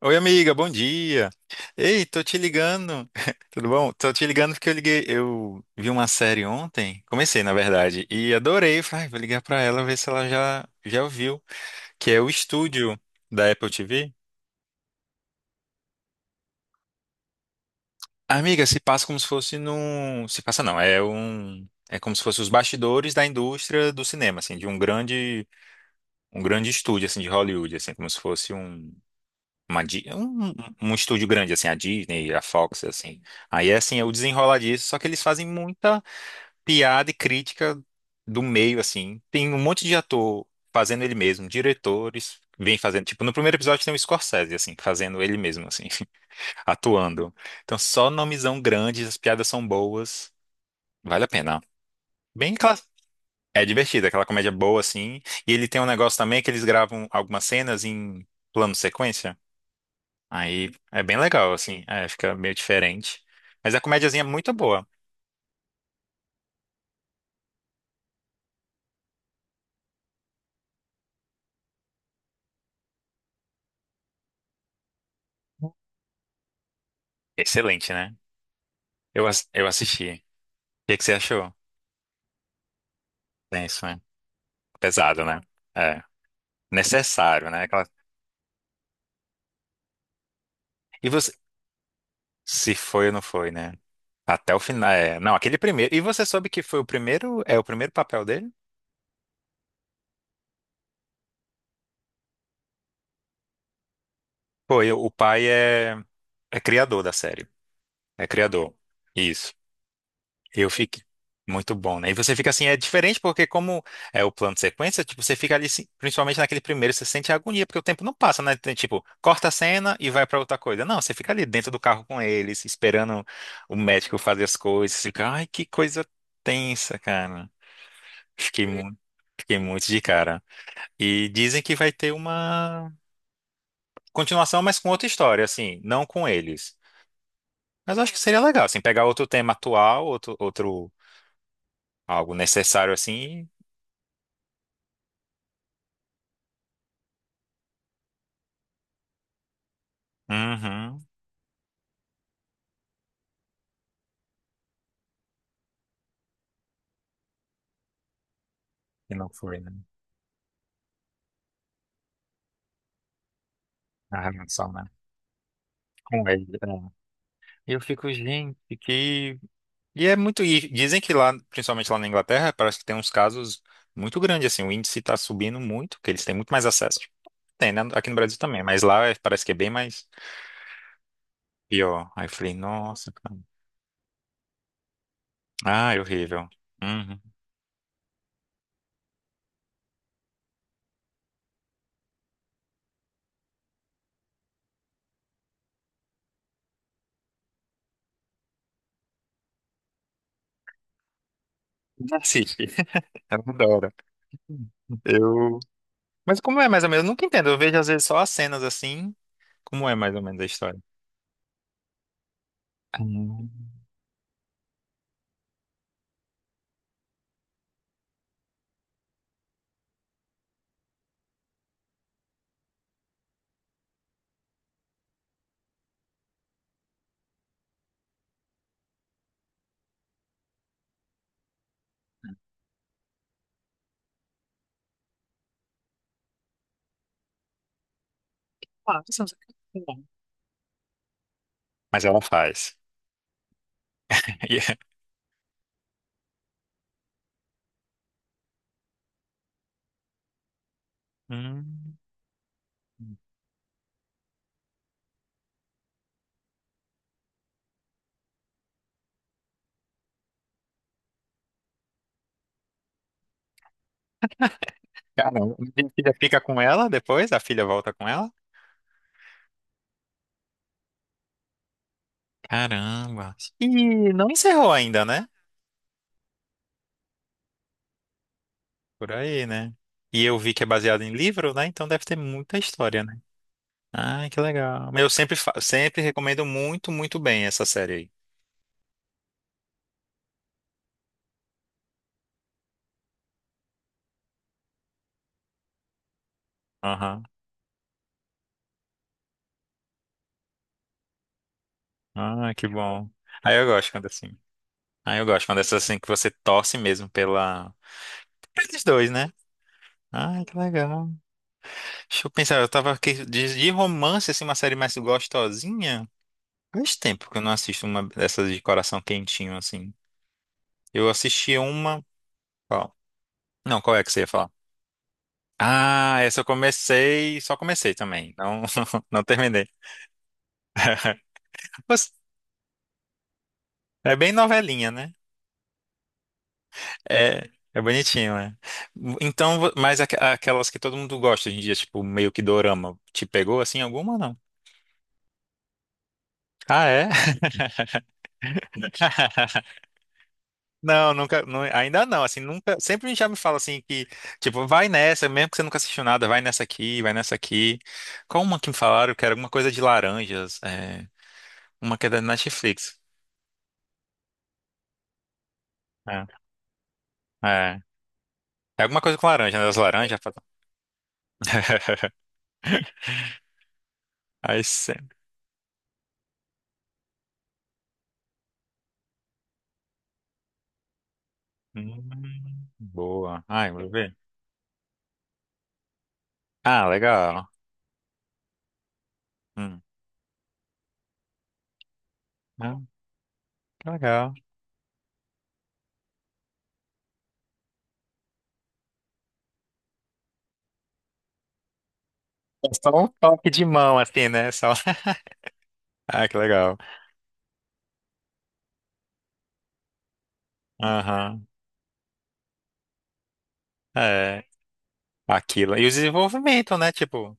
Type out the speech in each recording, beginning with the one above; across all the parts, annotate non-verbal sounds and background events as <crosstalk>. Oi, amiga, bom dia. Ei, tô te ligando. <laughs> Tudo bom? Tô te ligando porque eu liguei, eu vi uma série ontem, comecei na verdade, e adorei. Falei, "Ai, vou ligar pra ela ver se ela já ouviu, que é o Estúdio da Apple TV." Amiga, se passa como se fosse num, se passa não, é como se fosse os bastidores da indústria do cinema, assim, de um grande estúdio assim de Hollywood, assim, como se fosse um um estúdio grande, assim, a Disney, a Fox, assim. Aí, assim, é o desenrolar disso, só que eles fazem muita piada e crítica do meio, assim. Tem um monte de ator fazendo ele mesmo, diretores vêm fazendo. Tipo, no primeiro episódio tem o Scorsese, assim, fazendo ele mesmo, assim, <laughs> atuando. Então, só nomezão grande, as piadas são boas, vale a pena. Bem classe. É divertido, aquela comédia boa, assim. E ele tem um negócio também que eles gravam algumas cenas em plano sequência. Aí é bem legal, assim. É, fica meio diferente. Mas a comédiazinha é muito boa. Excelente, né? Eu assisti. O que que você achou? Tenso, né? Pesado, né? É. Necessário, né? Aquela... E você. Se foi ou não foi, né? Até o final. É. Não, aquele primeiro. E você soube que foi o primeiro. É o primeiro papel dele? Foi. O pai é, é criador da série. É criador. Isso. Eu fiquei muito bom, né? E você fica assim, é diferente porque como é o plano de sequência, tipo, você fica ali, assim, principalmente naquele primeiro, você sente a agonia, porque o tempo não passa, né? Tem, tipo, corta a cena e vai pra outra coisa. Não, você fica ali dentro do carro com eles, esperando o médico fazer as coisas. Você fica, ai, que coisa tensa, cara. Fiquei muito, fiquei muito de cara. E dizem que vai ter uma continuação, mas com outra história, assim, não com eles. Mas eu acho que seria legal, assim, pegar outro tema atual, outro algo necessário assim. Uhum. E não foi, né? A relação, né? Com ele, né? E eu fico, gente, que. E é muito. E dizem que lá, principalmente lá na Inglaterra, parece que tem uns casos muito grandes, assim. O índice tá subindo muito, que eles têm muito mais acesso. Tem, né? Aqui no Brasil também, mas lá é- parece que é bem mais pior. Aí eu falei, nossa, cara. Ah, é horrível. Uhum. Não assiste. <laughs> Eu adoro. Eu. Mas como é mais ou menos? Eu nunca entendo. Eu vejo às vezes só as cenas assim. Como é mais ou menos a história? Ah, você não sabe cozinhar. Mas ela faz. <laughs> E- Hum. Caramba, e a filha fica com ela depois? A filha volta com ela? Caramba. E não encerrou ainda, né? Por aí, né? E eu vi que é baseado em livro, né? Então deve ter muita história, né? Ai, que legal. Mas eu sempre, fa- sempre recomendo muito, muito bem essa série aí. Aham. Ah, que bom. Aí eu gosto quando é assim. Aí eu gosto quando é assim que você torce mesmo pela... Pelos dois, né? Ai, que legal. Deixa eu pensar, eu tava aqui de romance, assim, uma série mais gostosinha. Faz tempo que eu não assisto uma dessas de coração quentinho, assim. Eu assisti uma. Qual? Não, qual é que você ia falar? Ah, essa eu comecei, só comecei também. Não, <laughs> não terminei. Mas é bem novelinha, né? É, é bonitinho, né? Então, vo- mas aqu- aquelas que todo mundo gosta hoje em dia, tipo, meio que dorama, te pegou assim alguma ou não? Ah, é? <laughs> Não, nunca, não- ainda não, assim, nunca, sempre já me fala assim que, tipo, vai nessa, mesmo que você nunca assistiu nada, vai nessa aqui, vai nessa aqui. Qual uma que me falaram que era alguma coisa de laranjas, é, uma que é da Netflix. É, é, é alguma coisa com laranja, né? Das laranjas. Fala... <laughs> Aí você... boa. Ai, vou ver. Ah, legal. Hum. Ah, que legal. É só um toque de mão, assim, né? Só... <laughs> Ah, que legal. Aham. É. Aquilo. E o desenvolvimento, né? Tipo.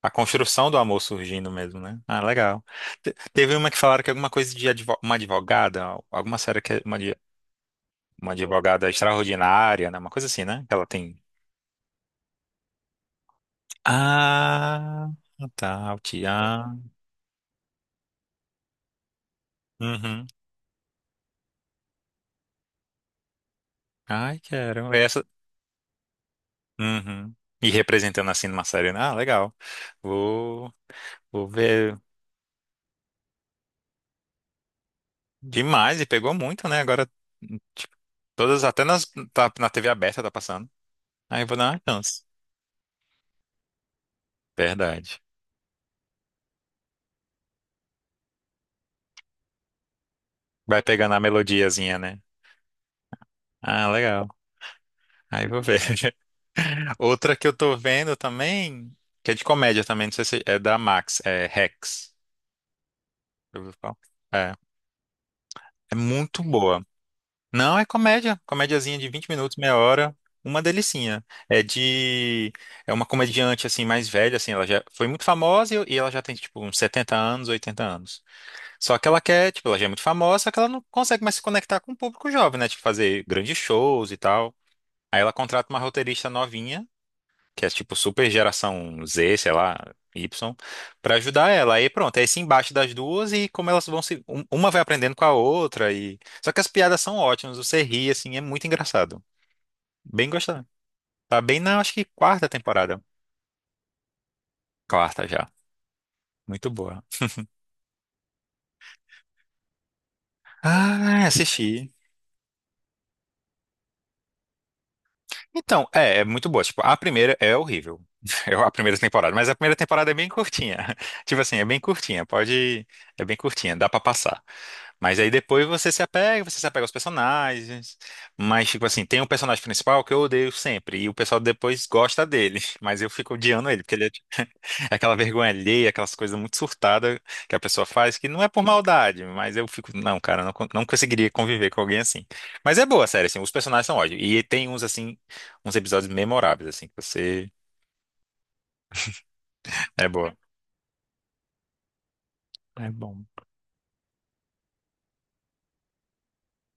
A construção do amor surgindo mesmo, né? Ah, legal. Te- teve uma que falaram que alguma coisa de advo- uma advogada, alguma série que é uma, de- uma advogada extraordinária, né? Uma coisa assim, né? Que ela tem. Ah, tá, o Tian. Uhum. Ai, quero. Essa. Uhum. E representando assim numa série, né? Ah, legal. Vou, vou ver demais e pegou muito, né? Agora, tipo, todas, até nas, tá, na TV aberta tá passando. Aí eu vou dar uma chance. Verdade. Vai pegando a melodiazinha, né? Ah, legal. Aí vou ver. <laughs> Outra que eu tô vendo também, que é de comédia também, não sei se é da Max, é Rex. Já ouviu falar? É, é muito boa. Não, é comédia, comédiazinha de 20 minutos, meia hora, uma delicinha. É de é uma comediante assim mais velha assim, ela já foi muito famosa e ela já tem tipo uns 70 anos, 80 anos. Só que ela quer, tipo, ela já é muito famosa, só que ela não consegue mais se conectar com o público jovem, né? Tipo fazer grandes shows e tal. Aí ela contrata uma roteirista novinha que é tipo super geração Z, sei lá, Y, pra ajudar ela. Aí pronto, é esse embate das duas e como elas vão se. Uma vai aprendendo com a outra e. Só que as piadas são ótimas, você ri, assim, é muito engraçado. Bem gostado. Tá bem na, acho que quarta temporada. Quarta já. Muito boa. Ah, assisti. Então, é, é muito boa. Tipo, a primeira é horrível. <laughs> É a primeira temporada, mas a primeira temporada é bem curtinha. <laughs> Tipo assim, é bem curtinha, é bem curtinha, dá pra passar. Mas aí depois você se apega aos personagens. Mas tipo assim, tem um personagem principal que eu odeio sempre e o pessoal depois gosta dele, <laughs> mas eu fico odiando ele porque ele é, tipo, <laughs> é aquela vergonha alheia, aquelas coisas muito surtadas que a pessoa faz que não é por maldade, mas eu fico, não, cara, não, con- não conseguiria conviver com alguém assim. Mas é boa a série, assim, os personagens são ótimos e tem uns assim uns episódios memoráveis, assim, que você. É boa. É bom.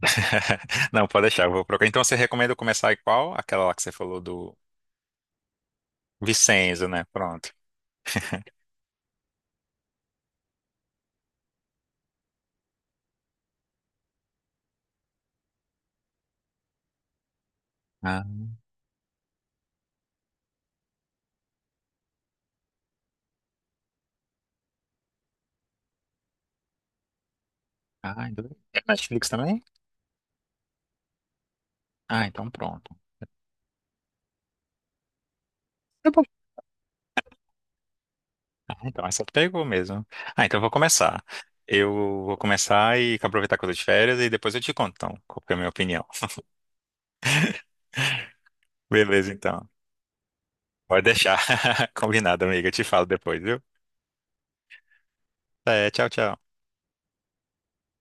<laughs> Não, pode deixar, eu vou procurar. Então você recomenda eu começar em qual? Aquela lá que você falou do Vicenzo, né? Pronto. Ah, ah, então- é Netflix também? Ah, então pronto. Tá bom. Ah, então essa pegou mesmo. Ah, então eu vou começar. Eu vou começar e aproveitar que eu tô de férias e depois eu te conto, então, qual que é a minha opinião. Beleza, então. Pode deixar. <laughs> Combinado, amiga. Eu te falo depois, viu? É, tchau, tchau.